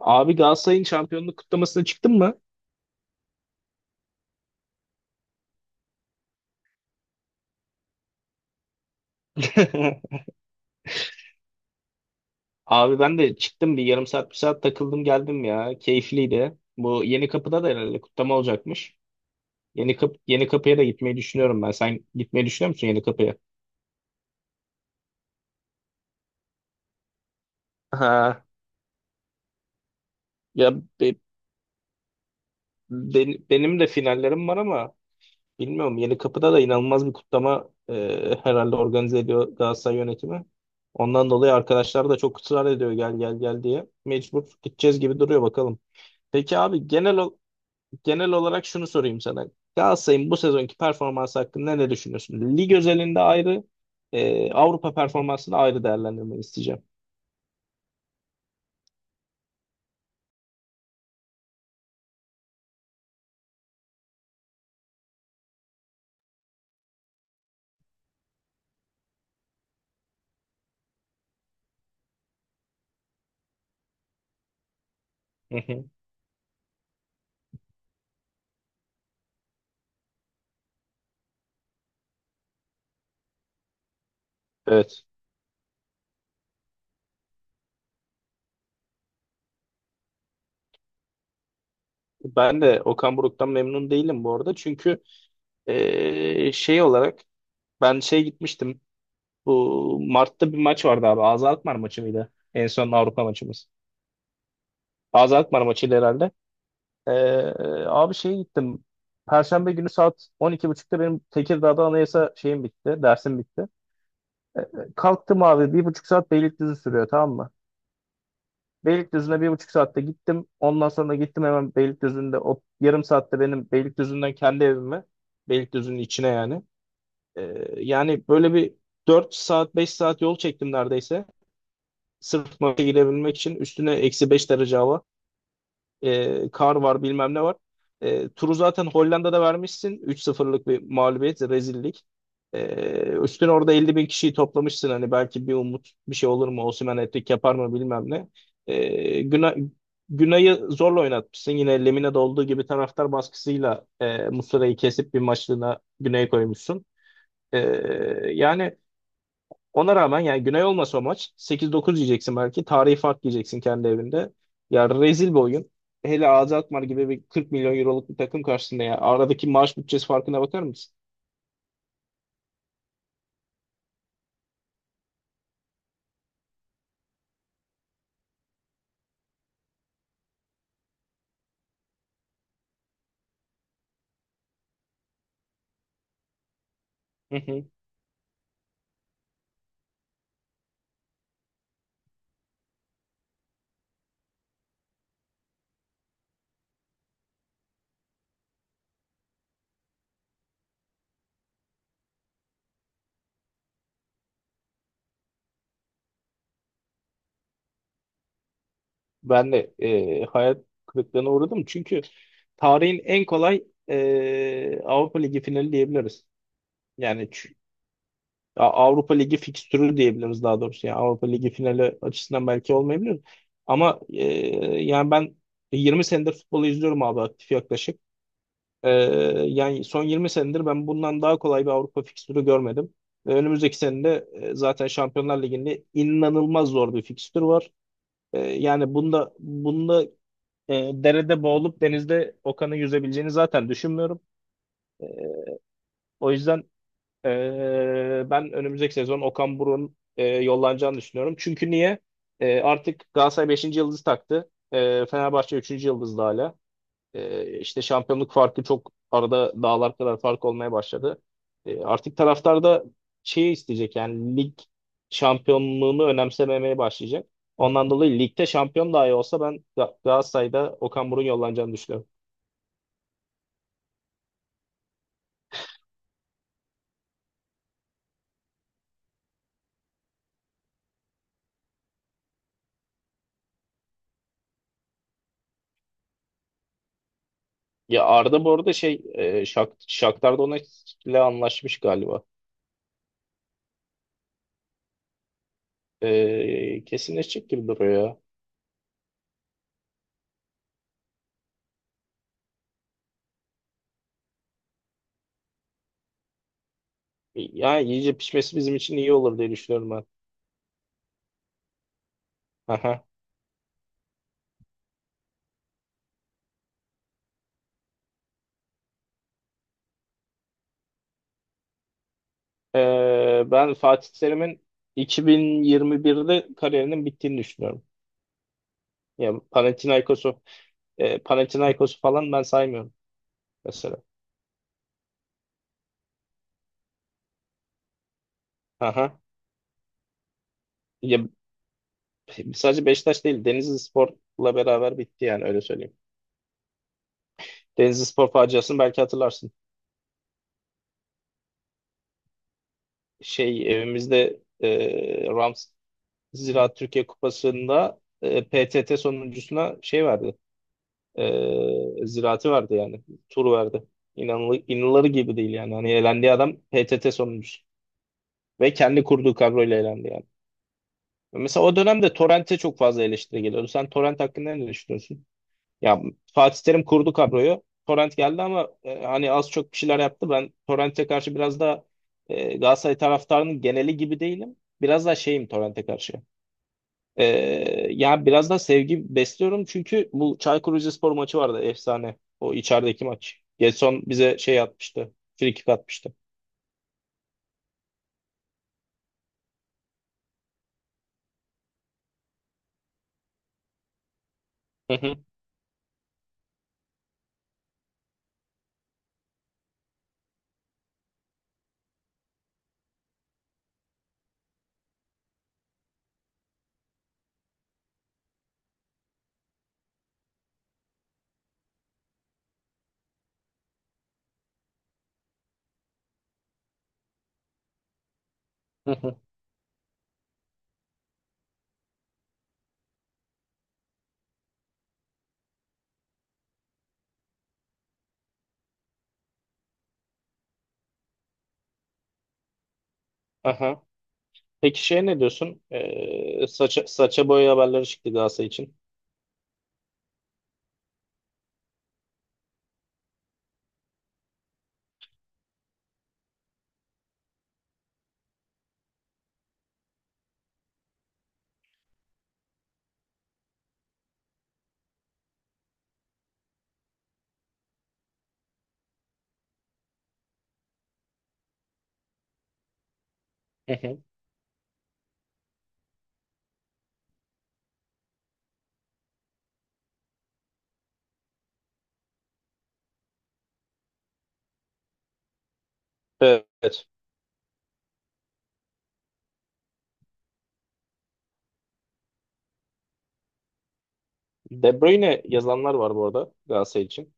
Abi Galatasaray'ın şampiyonluk kutlamasına çıktın mı? Abi ben de çıktım bir yarım saat bir saat takıldım geldim ya. Keyifliydi. Bu Yeni Kapı'da da herhalde kutlama olacakmış. Yeni Kapı'ya da gitmeyi düşünüyorum ben. Sen gitmeyi düşünüyor musun Yeni Kapı'ya? Ha. Ya be- benim de finallerim var ama bilmiyorum, Yeni Kapı'da da inanılmaz bir kutlama herhalde organize ediyor Galatasaray yönetimi. Ondan dolayı arkadaşlar da çok ısrar ediyor gel gel gel diye. Mecbur gideceğiz gibi duruyor, bakalım. Peki abi genel olarak şunu sorayım sana. Galatasaray'ın bu sezonki performansı hakkında ne düşünüyorsun? Lig özelinde ayrı, Avrupa performansını ayrı değerlendirmeni isteyeceğim. Hı hı. Evet. Ben de Okan Buruk'tan memnun değilim bu arada. Çünkü şey olarak ben şey gitmiştim. Bu Mart'ta bir maç vardı abi. Ağza Alkmaar maçı mıydı? En son Avrupa maçımız. Ağza Alkmaar maçıydı herhalde. E, Abi şeye gittim. Perşembe günü saat 12.30'da benim Tekirdağ'da anayasa şeyim bitti. Dersim bitti. E, Kalktım abi, 1,5 saat Beylikdüzü sürüyor, tamam mı? Beylikdüzü'ne 1,5 saatte gittim. Ondan sonra gittim hemen Beylikdüzü'nde o yarım saatte benim Beylikdüzü'nden kendi evime. Beylikdüzü'nün içine yani. Yani böyle bir 4 saat 5 saat yol çektim neredeyse. Sırf maça girebilmek için, üstüne -5 derece hava. Kar var, bilmem ne var. Turu zaten Hollanda'da vermişsin. 3-0'lık bir mağlubiyet, rezillik. E, Üstüne orada 50 bin kişiyi toplamışsın. Hani belki bir umut bir şey olur mu? Osimhen hat-trick yapar mı, bilmem ne. E, Günay, Günay'ı zorla oynatmışsın. Yine Lemine'de olduğu gibi taraftar baskısıyla Muslera'yı kesip bir maçlığına Güney'e koymuşsun. E, Yani ona rağmen, yani Güney olmasa o maç 8-9 yiyeceksin belki. Tarihi fark yiyeceksin kendi evinde. Ya, rezil bir oyun. Hele AZ Alkmaar gibi bir 40 milyon euroluk bir takım karşısında ya. Aradaki maaş bütçesi farkına bakar mısın? Hı hı. Ben de hayal kırıklığına uğradım. Çünkü tarihin en kolay Avrupa Ligi finali diyebiliriz. Yani Avrupa Ligi fikstürü diyebiliriz daha doğrusu. Yani Avrupa Ligi finali açısından belki olmayabilir. Ama yani ben 20 senedir futbolu izliyorum abi, aktif yaklaşık. E, Yani son 20 senedir ben bundan daha kolay bir Avrupa fikstürü görmedim. Ve önümüzdeki senede zaten Şampiyonlar Ligi'nde inanılmaz zor bir fikstür var. Yani bunda derede boğulup denizde Okan'ı yüzebileceğini zaten düşünmüyorum. O yüzden ben önümüzdeki sezon Okan Buruk'un yollanacağını düşünüyorum. Çünkü niye? Artık Galatasaray beşinci yıldız taktı. Fenerbahçe üçüncü yıldızda hala. İşte şampiyonluk farkı çok, arada dağlar kadar fark olmaya başladı. Artık taraftar da şeyi isteyecek, yani lig şampiyonluğunu önemsememeye başlayacak. Ondan dolayı ligde şampiyon dahi olsa ben Galatasaray'da Okan Buruk'un yollanacağını düşünüyorum. Ya Arda bu arada şey, Shakhtar Donetsk'le anlaşmış galiba. Kesinleşecek gibi duruyor ya. Yani iyice pişmesi bizim için iyi olur diye düşünüyorum ben. Aha. E, Ben Fatih Terim'in 2021'de kariyerinin bittiğini düşünüyorum. Ya Panathinaikos'u falan ben saymıyorum mesela. Aha. Ya, sadece Beşiktaş değil, Denizlispor'la beraber bitti yani, öyle söyleyeyim. Denizlispor faciasını belki hatırlarsın, şey evimizde Rams Ziraat Türkiye Kupası'nda PTT sonuncusuna şey verdi. Ziraati verdi yani. Tur verdi. İnanılır gibi değil yani. Hani elendiği adam PTT sonuncusu. Ve kendi kurduğu kadroyla elendi yani. Mesela o dönemde Torrent'e çok fazla eleştiri geliyordu. Sen Torrent hakkında ne düşünüyorsun? Ya Fatih Terim kurdu kadroyu. Torrent geldi ama hani az çok bir şeyler yaptı. Ben Torrent'e karşı biraz da Galatasaray taraftarının geneli gibi değilim. Biraz daha şeyim Torrent'e karşı. Ee, Ya biraz da sevgi besliyorum çünkü bu Çaykur Rizespor maçı vardı, efsane. O içerideki maç. Gedson bize şey atmıştı. Frikik atmıştı. Hı hı, hı hı. Aha. Peki şey, ne diyorsun? Saça boya haberleri çıktı Galatasaray için. Hı hı. Evet. De Bruyne yazanlar var bu arada Galatasaray için.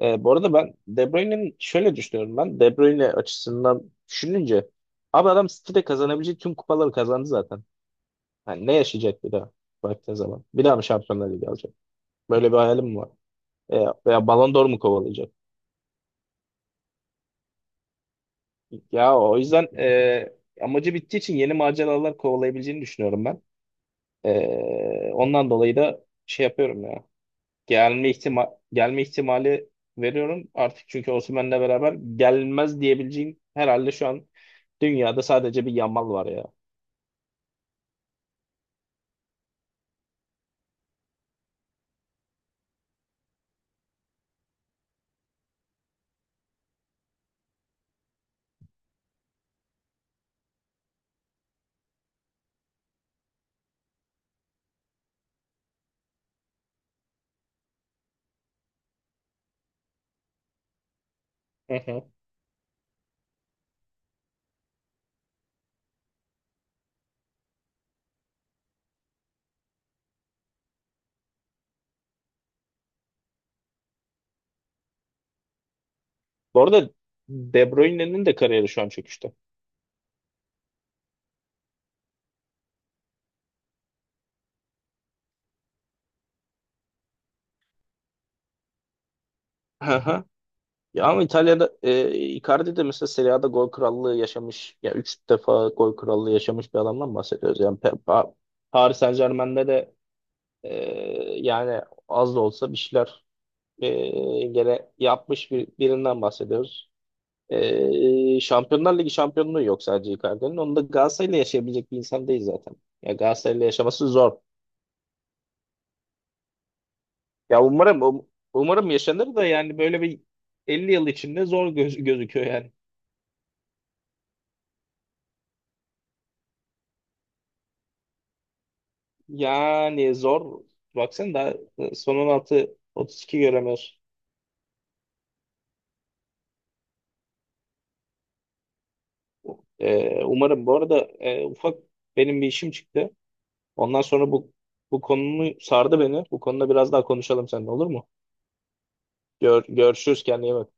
Bu arada ben De Bruyne'nin şöyle düşünüyorum ben. De Bruyne açısından düşününce abi, adam City'de kazanabileceği tüm kupaları kazandı zaten. Yani ne yaşayacak bir daha baktığın zaman? Bir daha mı Şampiyonlar Ligi alacak? Böyle bir hayalim mi var? E, Veya Ballon d'Or mu kovalayacak? Ya o yüzden amacı bittiği için yeni maceralar kovalayabileceğini düşünüyorum ben. Ondan dolayı da şey yapıyorum ya. Gelme ihtimali veriyorum artık, çünkü Osimhen'le beraber gelmez diyebileceğim herhalde şu an dünyada sadece bir Yamal var ya. Hı hı. Bu arada De Bruyne'nin de kariyeri şu an çöküşte. Ya ama İtalya'da Icardi de mesela Serie A'da gol krallığı yaşamış. Ya, 3 defa gol krallığı yaşamış bir adamdan bahsediyoruz. Yani Paris Saint-Germain'de de e, yani az da olsa bir şeyler e, gene yapmış birinden bahsediyoruz. Şampiyonlar Ligi şampiyonluğu yok sadece Icardi'nin. Onu da Galatasaray'la yaşayabilecek bir insan değil zaten. Ya Galatasaray'la yaşaması zor. Ya umarım umarım yaşanır da, yani böyle bir 50 yıl içinde zor gözüküyor yani. Yani zor. Baksana, daha son 16 32 göremiyoruz. Umarım. Bu arada ufak benim bir işim çıktı. Ondan sonra bu konumu sardı beni. Bu konuda biraz daha konuşalım seninle, olur mu? Görüşürüz, kendine iyi bak.